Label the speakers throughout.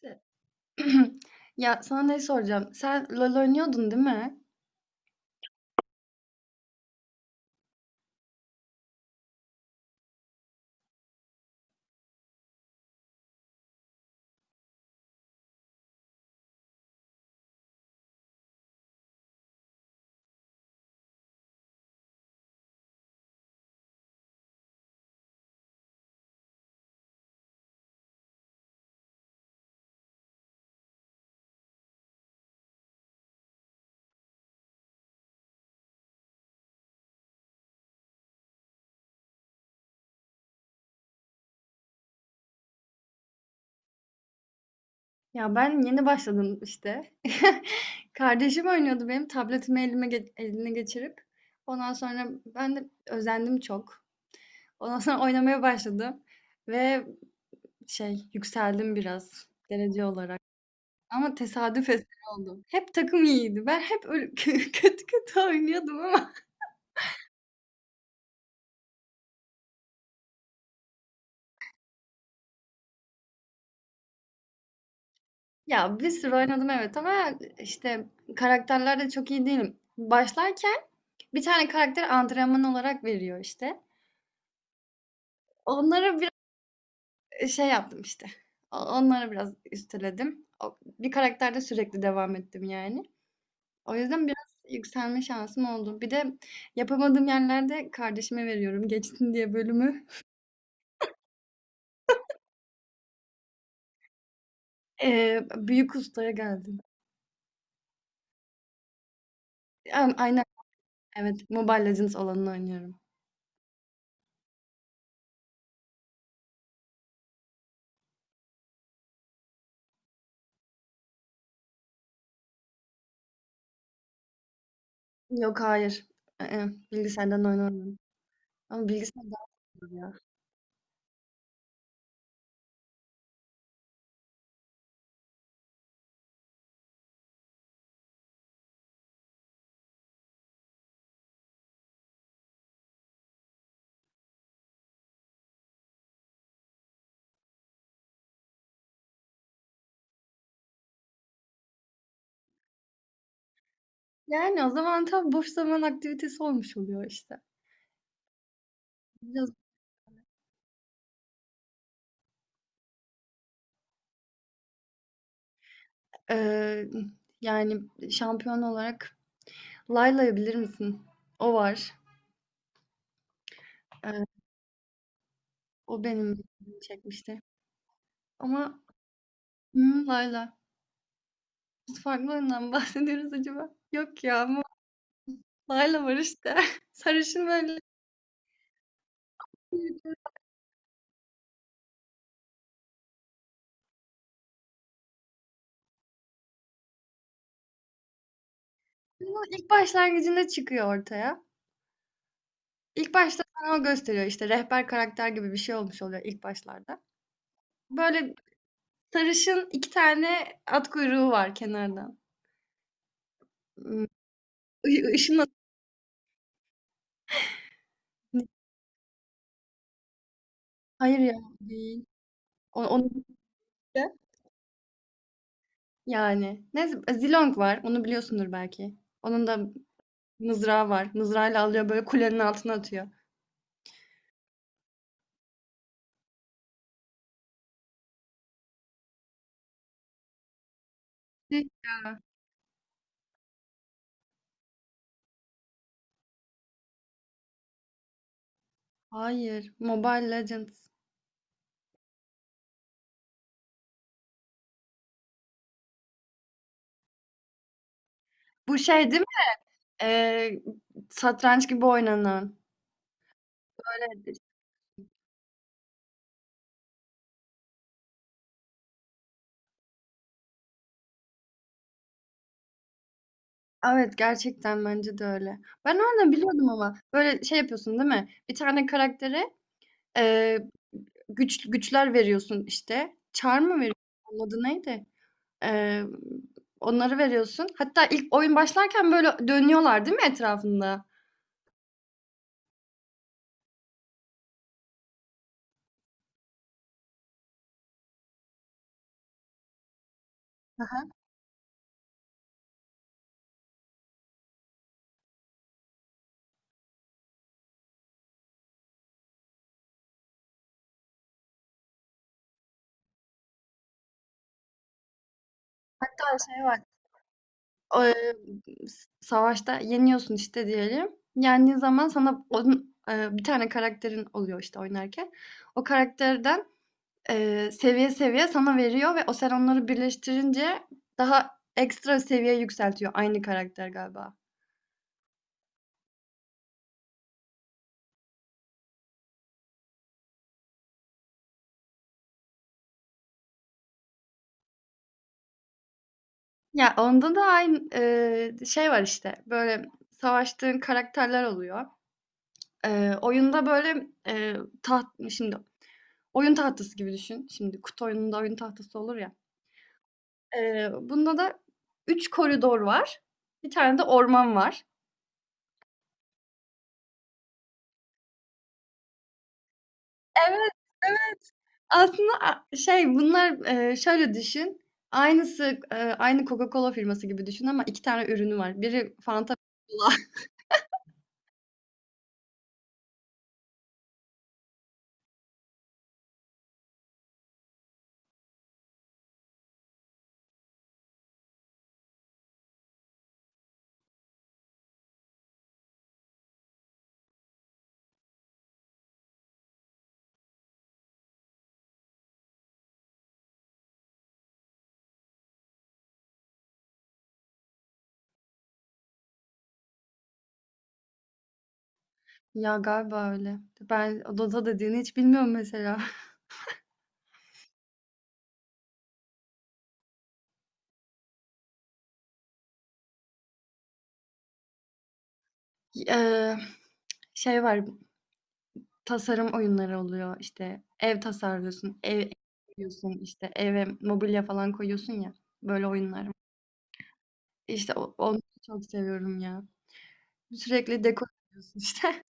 Speaker 1: Se Ya, sana ne soracağım? Sen LoL oynuyordun, değil mi? Ya, ben yeni başladım işte. Kardeşim oynuyordu benim tabletimi elime ge eline geçirip. Ondan sonra ben de özendim çok. Ondan sonra oynamaya başladım ve yükseldim biraz derece olarak. Ama tesadüf eseri oldu. Hep takım iyiydi. Ben hep öyle kötü kötü oynuyordum ama. Ya, bir sürü oynadım evet, ama işte karakterler de çok iyi değilim. Başlarken bir tane karakter antrenman olarak veriyor işte. Onlara bir şey yaptım işte. Onlara biraz üsteledim. Bir karakterde sürekli devam ettim yani. O yüzden biraz yükselme şansım oldu. Bir de yapamadığım yerlerde kardeşime veriyorum. Geçsin diye bölümü. Büyük ustaya geldim. Aynen, evet. Mobile Legends olanını oynuyorum. Yok, hayır. Bilgisayardan oyun oynamıyorum. Ama bilgisayar daha iyi ya. Yani o zaman tam boş zaman aktivitesi olmuş oluyor işte. Biraz... Eee, yani şampiyon olarak Layla'yı bilir misin? O var. Eee, O benim ilgimi çekmişti. Ama Layla. Biz farklı oyundan mı bahsediyoruz acaba? Yok ya, ama Layla var işte. Sarışın böyle. Ama ilk başlangıcında çıkıyor ortaya. İlk başta sana o gösteriyor işte, rehber karakter gibi bir şey olmuş oluyor ilk başlarda. Böyle sarışın, iki tane at kuyruğu var kenardan. Hmm, ı- ışın at- Hayır ya, değil. Onu... yani, neyse, Zilong var. Onu biliyorsundur belki. Onun da mızrağı var. Mızrağıyla alıyor böyle, kulenin altına atıyor. Ne? Hayır. Mobile Legends. Bu şey değil mi? Ee, Satranç gibi oynanan. Böyle, evet, gerçekten bence de öyle. Ben oradan biliyordum ama. Böyle şey yapıyorsun, değil mi? Bir tane karaktere ee, güçler veriyorsun işte. Çar mı veriyorsun? Onun adı neydi? Emm, Onları veriyorsun. Hatta ilk oyun başlarken böyle dönüyorlar, değil mi, etrafında? Hı hı. Hatta şey var, emm, s savaşta yeniyorsun işte diyelim. Yendiğin zaman sana onun, bir tane karakterin oluyor işte oynarken. O karakterden, seviye seviye sana veriyor ve sen onları birleştirince daha ekstra seviye yükseltiyor aynı karakter galiba. Ya onda da aynı, şey var işte, böyle savaştığın karakterler oluyor. Oyunda böyle, şimdi oyun tahtası gibi düşün. Şimdi kutu oyununda oyun tahtası olur ya. Bunda da 3 koridor var. Bir tane de orman var. Evet, evet. Aslında şey bunlar, şöyle düşün, aynısı, aynı Coca-Cola firması gibi düşün, ama 2 tane ürünü var. Biri Fanta, biri Cola. Ya, galiba öyle. Ben Dota dediğini hiç bilmiyorum mesela. Eee, Şey var. Tasarım oyunları oluyor, işte ev tasarlıyorsun, ev yapıyorsun, işte eve mobilya falan koyuyorsun ya, böyle oyunlar var. İşte onu çok seviyorum ya. Sürekli dekor yapıyorsun işte.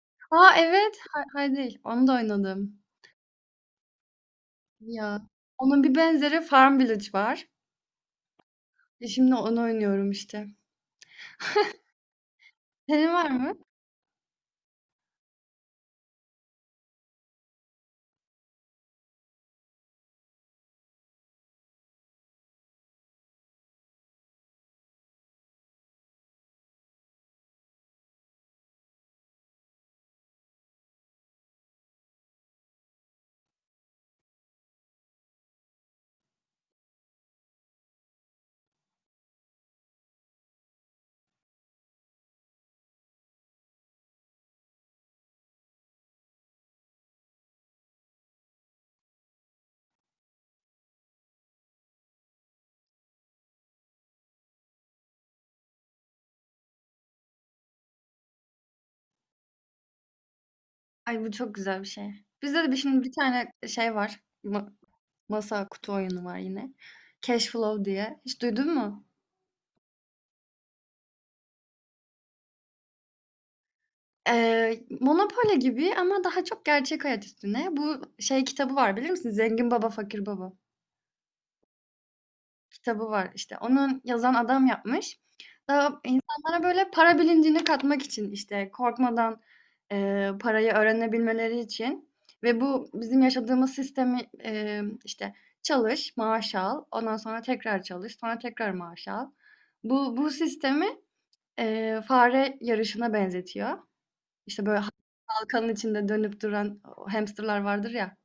Speaker 1: A, evet! Hay Hay değil, onu da oynadım. Ya, onun bir benzeri Farm Village var. Şimdi onu oynuyorum işte. Senin var mı? Ay, bu çok güzel bir şey. Bizde de şimdi bir tane şey var, masa, kutu oyunu var yine. Cash Flow diye. Hiç duydun mu? Monopoly gibi ama daha çok gerçek hayat üstüne. Bu şey, kitabı var, bilir misin? Zengin Baba Fakir Baba kitabı var. İşte onun yazan adam yapmış. Daha insanlara böyle para bilincini katmak için, işte korkmadan parayı öğrenebilmeleri için, ve bu bizim yaşadığımız sistemi işte çalış, maaş al, ondan sonra tekrar çalış, sonra tekrar maaş al. Bu sistemi fare yarışına benzetiyor. İşte böyle bakanın içinde dönüp duran o hamsterlar vardır ya,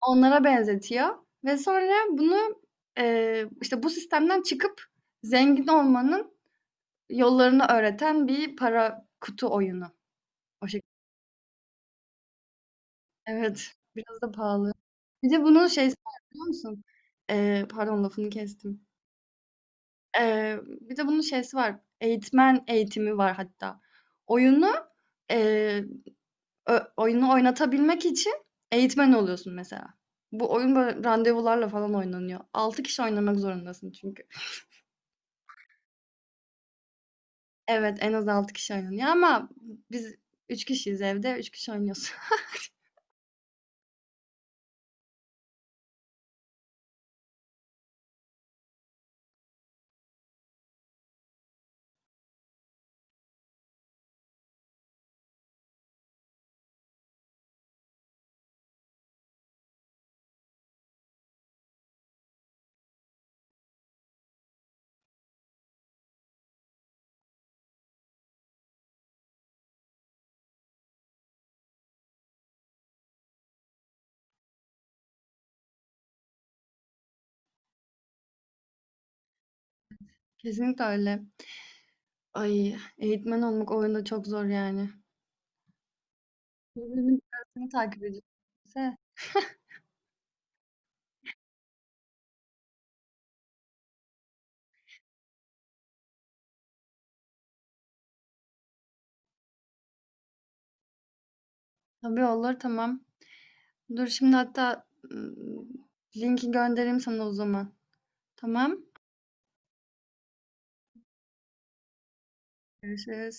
Speaker 1: onlara benzetiyor ve sonra bunu, işte, bu sistemden çıkıp zengin olmanın yollarını öğreten bir para kutu oyunu. O şekilde. Evet, biraz da pahalı. Bir de bunun şeysi var, biliyor musun? Pardon, lafını kestim. Bir de bunun şeysi var, eğitmen eğitimi var hatta. Oyunu, eee oyunu oynatabilmek için eğitmen oluyorsun mesela. Bu oyun böyle randevularla falan oynanıyor. 6 kişi oynamak zorundasın çünkü. Evet, en az 6 kişi oynanıyor, ama biz 3 kişiyiz evde, 3 kişi oynuyoruz. Kesinlikle öyle. Ay, eğitmen olmak oyunda çok zor yani. Birbirinin arasını takip edecekse. Tabii, olur, tamam. Dur, şimdi hatta linki göndereyim sana o zaman. Tamam. Görüşürüz.